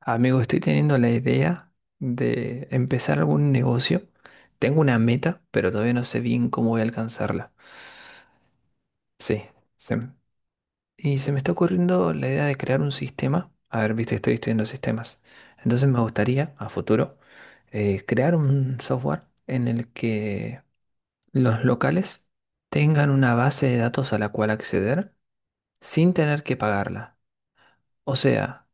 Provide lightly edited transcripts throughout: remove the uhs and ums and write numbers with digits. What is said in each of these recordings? Amigo, estoy teniendo la idea de empezar algún negocio. Tengo una meta, pero todavía no sé bien cómo voy a alcanzarla. Sí, se m- y se me está ocurriendo la idea de crear un sistema. A ver, viste, estoy estudiando sistemas. Entonces me gustaría, a futuro, crear un software en el que los locales tengan una base de datos a la cual acceder sin tener que pagarla. O sea,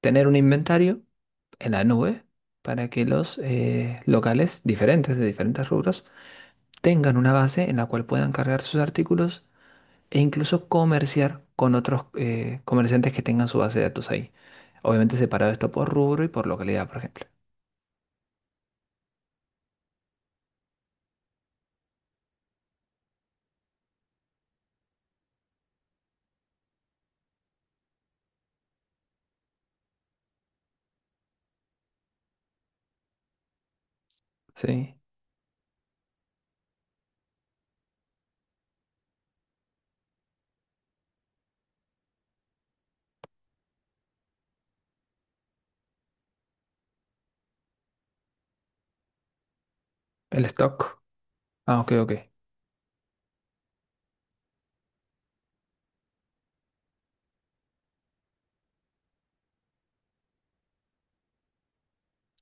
tener un inventario en la nube para que los locales diferentes de diferentes rubros tengan una base en la cual puedan cargar sus artículos e incluso comerciar con otros comerciantes que tengan su base de datos ahí. Obviamente separado esto por rubro y por localidad, por ejemplo. Sí, el stock. Ah, ok, ok.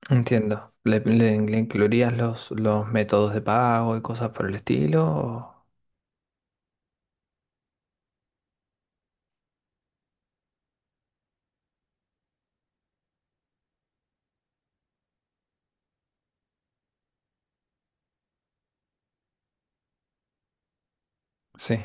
Entiendo. ¿Le incluirías los métodos de pago y cosas por el estilo? Sí.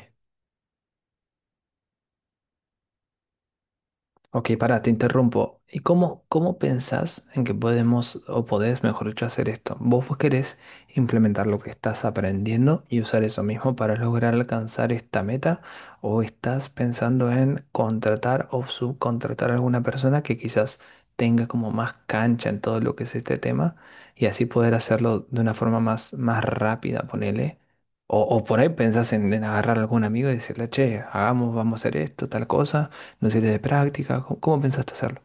Ok, pará, te interrumpo. ¿Y cómo, cómo pensás en que podemos, o podés, mejor dicho, hacer esto? Vos querés implementar lo que estás aprendiendo y usar eso mismo para lograr alcanzar esta meta, o estás pensando en contratar o subcontratar a alguna persona que quizás tenga como más cancha en todo lo que es este tema y así poder hacerlo de una forma más, más rápida, ponele. O por ahí pensás en agarrar a algún amigo y decirle, che, hagamos, vamos a hacer esto, tal cosa, una serie de prácticas. ¿Cómo, cómo pensaste hacerlo?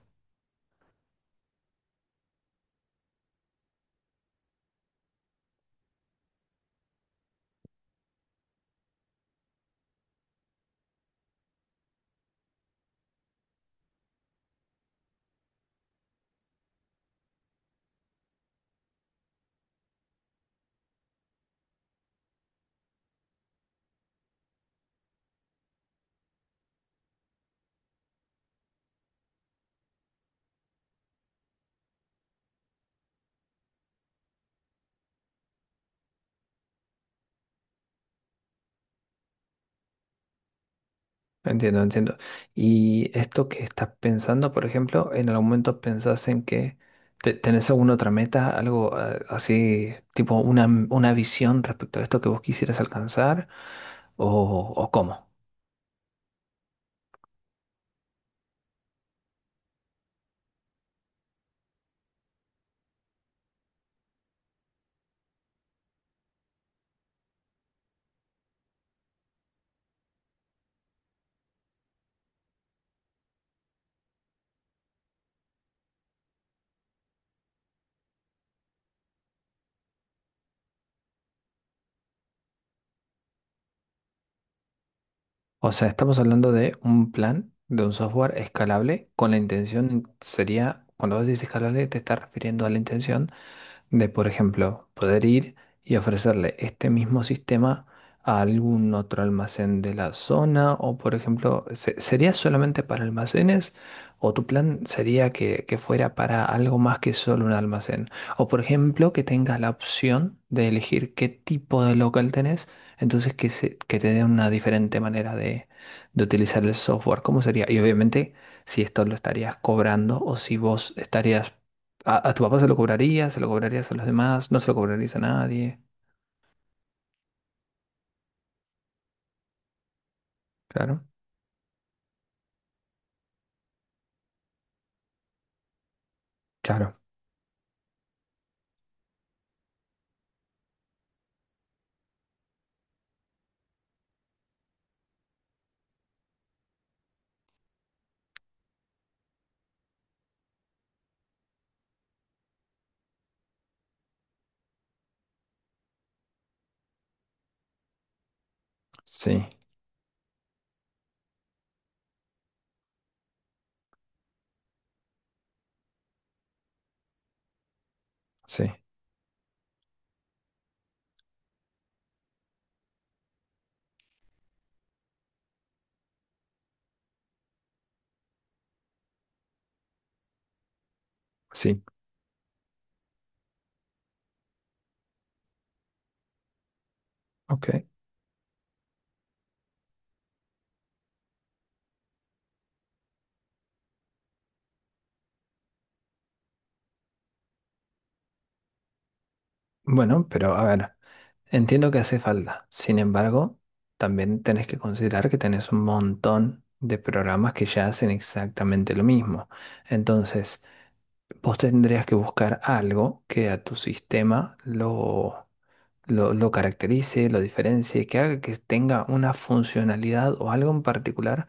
Entiendo, entiendo. Y esto que estás pensando, por ejemplo, ¿en algún momento pensás en que tenés alguna otra meta, algo así, tipo una visión respecto a esto que vos quisieras alcanzar? ¿O, o cómo? O sea, estamos hablando de un plan, de un software escalable, con la intención, sería, cuando vos dices escalable, te estás refiriendo a la intención de, por ejemplo, poder ir y ofrecerle este mismo sistema a algún otro almacén de la zona o, por ejemplo, ¿sería solamente para almacenes o tu plan sería que fuera para algo más que solo un almacén? O, por ejemplo, que tengas la opción de elegir qué tipo de local tenés, entonces que, que te dé una diferente manera de utilizar el software. ¿Cómo sería? Y obviamente si esto lo estarías cobrando o si vos estarías ¿a, a tu papá se lo cobrarías? ¿Se lo cobrarías a los demás? ¿No se lo cobrarías a nadie? Claro, claro. Sí, sí, sí. Ok. Bueno, pero a ver, entiendo que hace falta. Sin embargo, también tenés que considerar que tenés un montón de programas que ya hacen exactamente lo mismo. Entonces, vos tendrías que buscar algo que a tu sistema lo caracterice, lo diferencie, que haga que tenga una funcionalidad o algo en particular.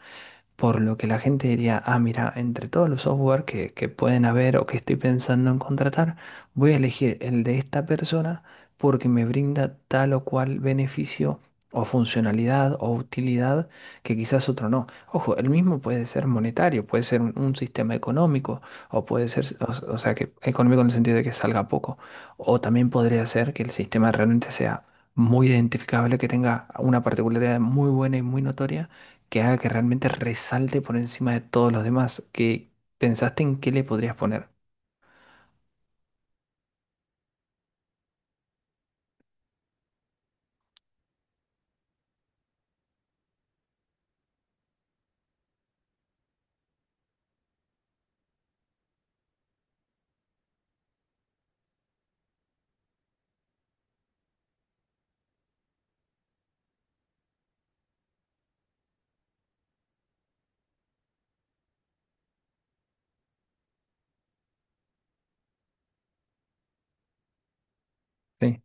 Por lo que la gente diría, ah, mira, entre todos los software que pueden haber o que estoy pensando en contratar, voy a elegir el de esta persona porque me brinda tal o cual beneficio o funcionalidad o utilidad que quizás otro no. Ojo, el mismo puede ser monetario, puede ser un sistema económico o puede ser, o sea, que económico en el sentido de que salga poco. O también podría ser que el sistema realmente sea muy identificable, que tenga una particularidad muy buena y muy notoria que haga que realmente resalte por encima de todos los demás. Que pensaste en qué le podrías poner. Sí.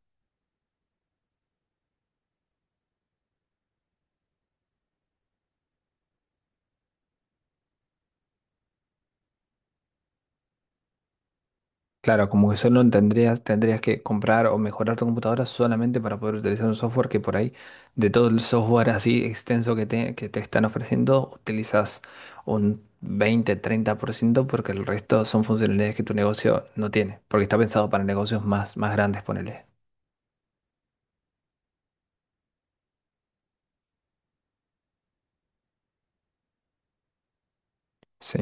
Claro, como que solo tendrías, tendrías que comprar o mejorar tu computadora solamente para poder utilizar un software que por ahí, de todo el software así extenso que te están ofreciendo, utilizas un 20 30% porque el resto son funcionalidades que tu negocio no tiene, porque está pensado para negocios más, más grandes, ponele. Sí.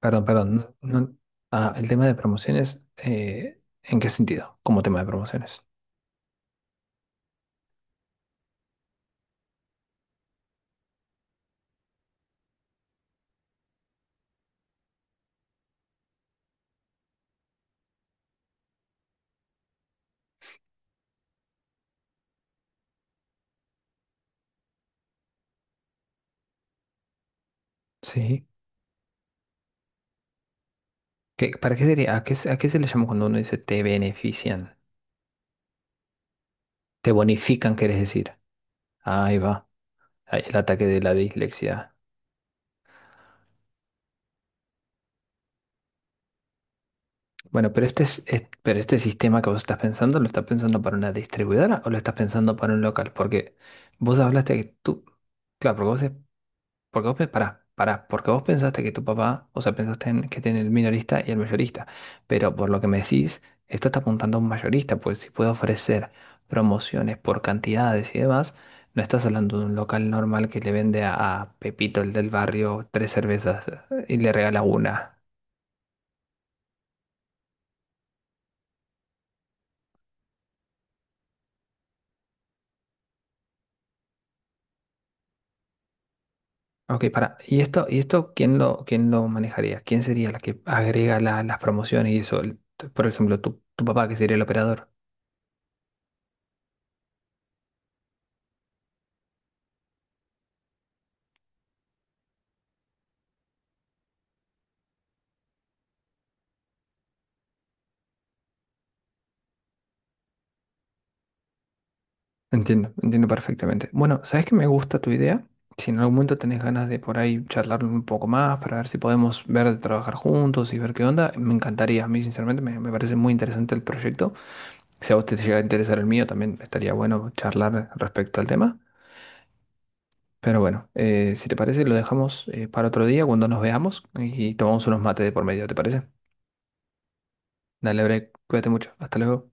Perdón, perdón. Ah, el tema de promociones, ¿en qué sentido? Como tema de promociones. Sí. ¿Qué, para qué sería? ¿A qué, a qué se le llama cuando uno dice te benefician? Te bonifican, quieres decir. Ahí va. Ahí el ataque de la dislexia. Bueno, pero este, es, pero este sistema que vos estás pensando, ¿lo estás pensando para una distribuidora o lo estás pensando para un local? Porque vos hablaste que tú, claro, porque vos porque vos, pará, pará, porque vos pensaste que tu papá, o sea, pensaste en, que tiene el minorista y el mayorista, pero por lo que me decís, esto está apuntando a un mayorista, pues si puede ofrecer promociones por cantidades y demás, no estás hablando de un local normal que le vende a Pepito, el del barrio, tres cervezas y le regala una. Ok, pará, y esto quién lo manejaría? ¿Quién sería la que agrega las promociones y eso? El- por ejemplo, tu papá, que sería el operador. Entiendo, entiendo perfectamente. Bueno, ¿sabes que me gusta tu idea? Si en algún momento tenés ganas de por ahí charlar un poco más para ver si podemos ver de trabajar juntos y ver qué onda, me encantaría. A mí, sinceramente, me parece muy interesante el proyecto. Si a vos te llega a interesar el mío, también estaría bueno charlar respecto al tema. Pero bueno, si te parece, lo dejamos para otro día cuando nos veamos y tomamos unos mates de por medio, ¿te parece? Dale, Bre, cuídate mucho. Hasta luego.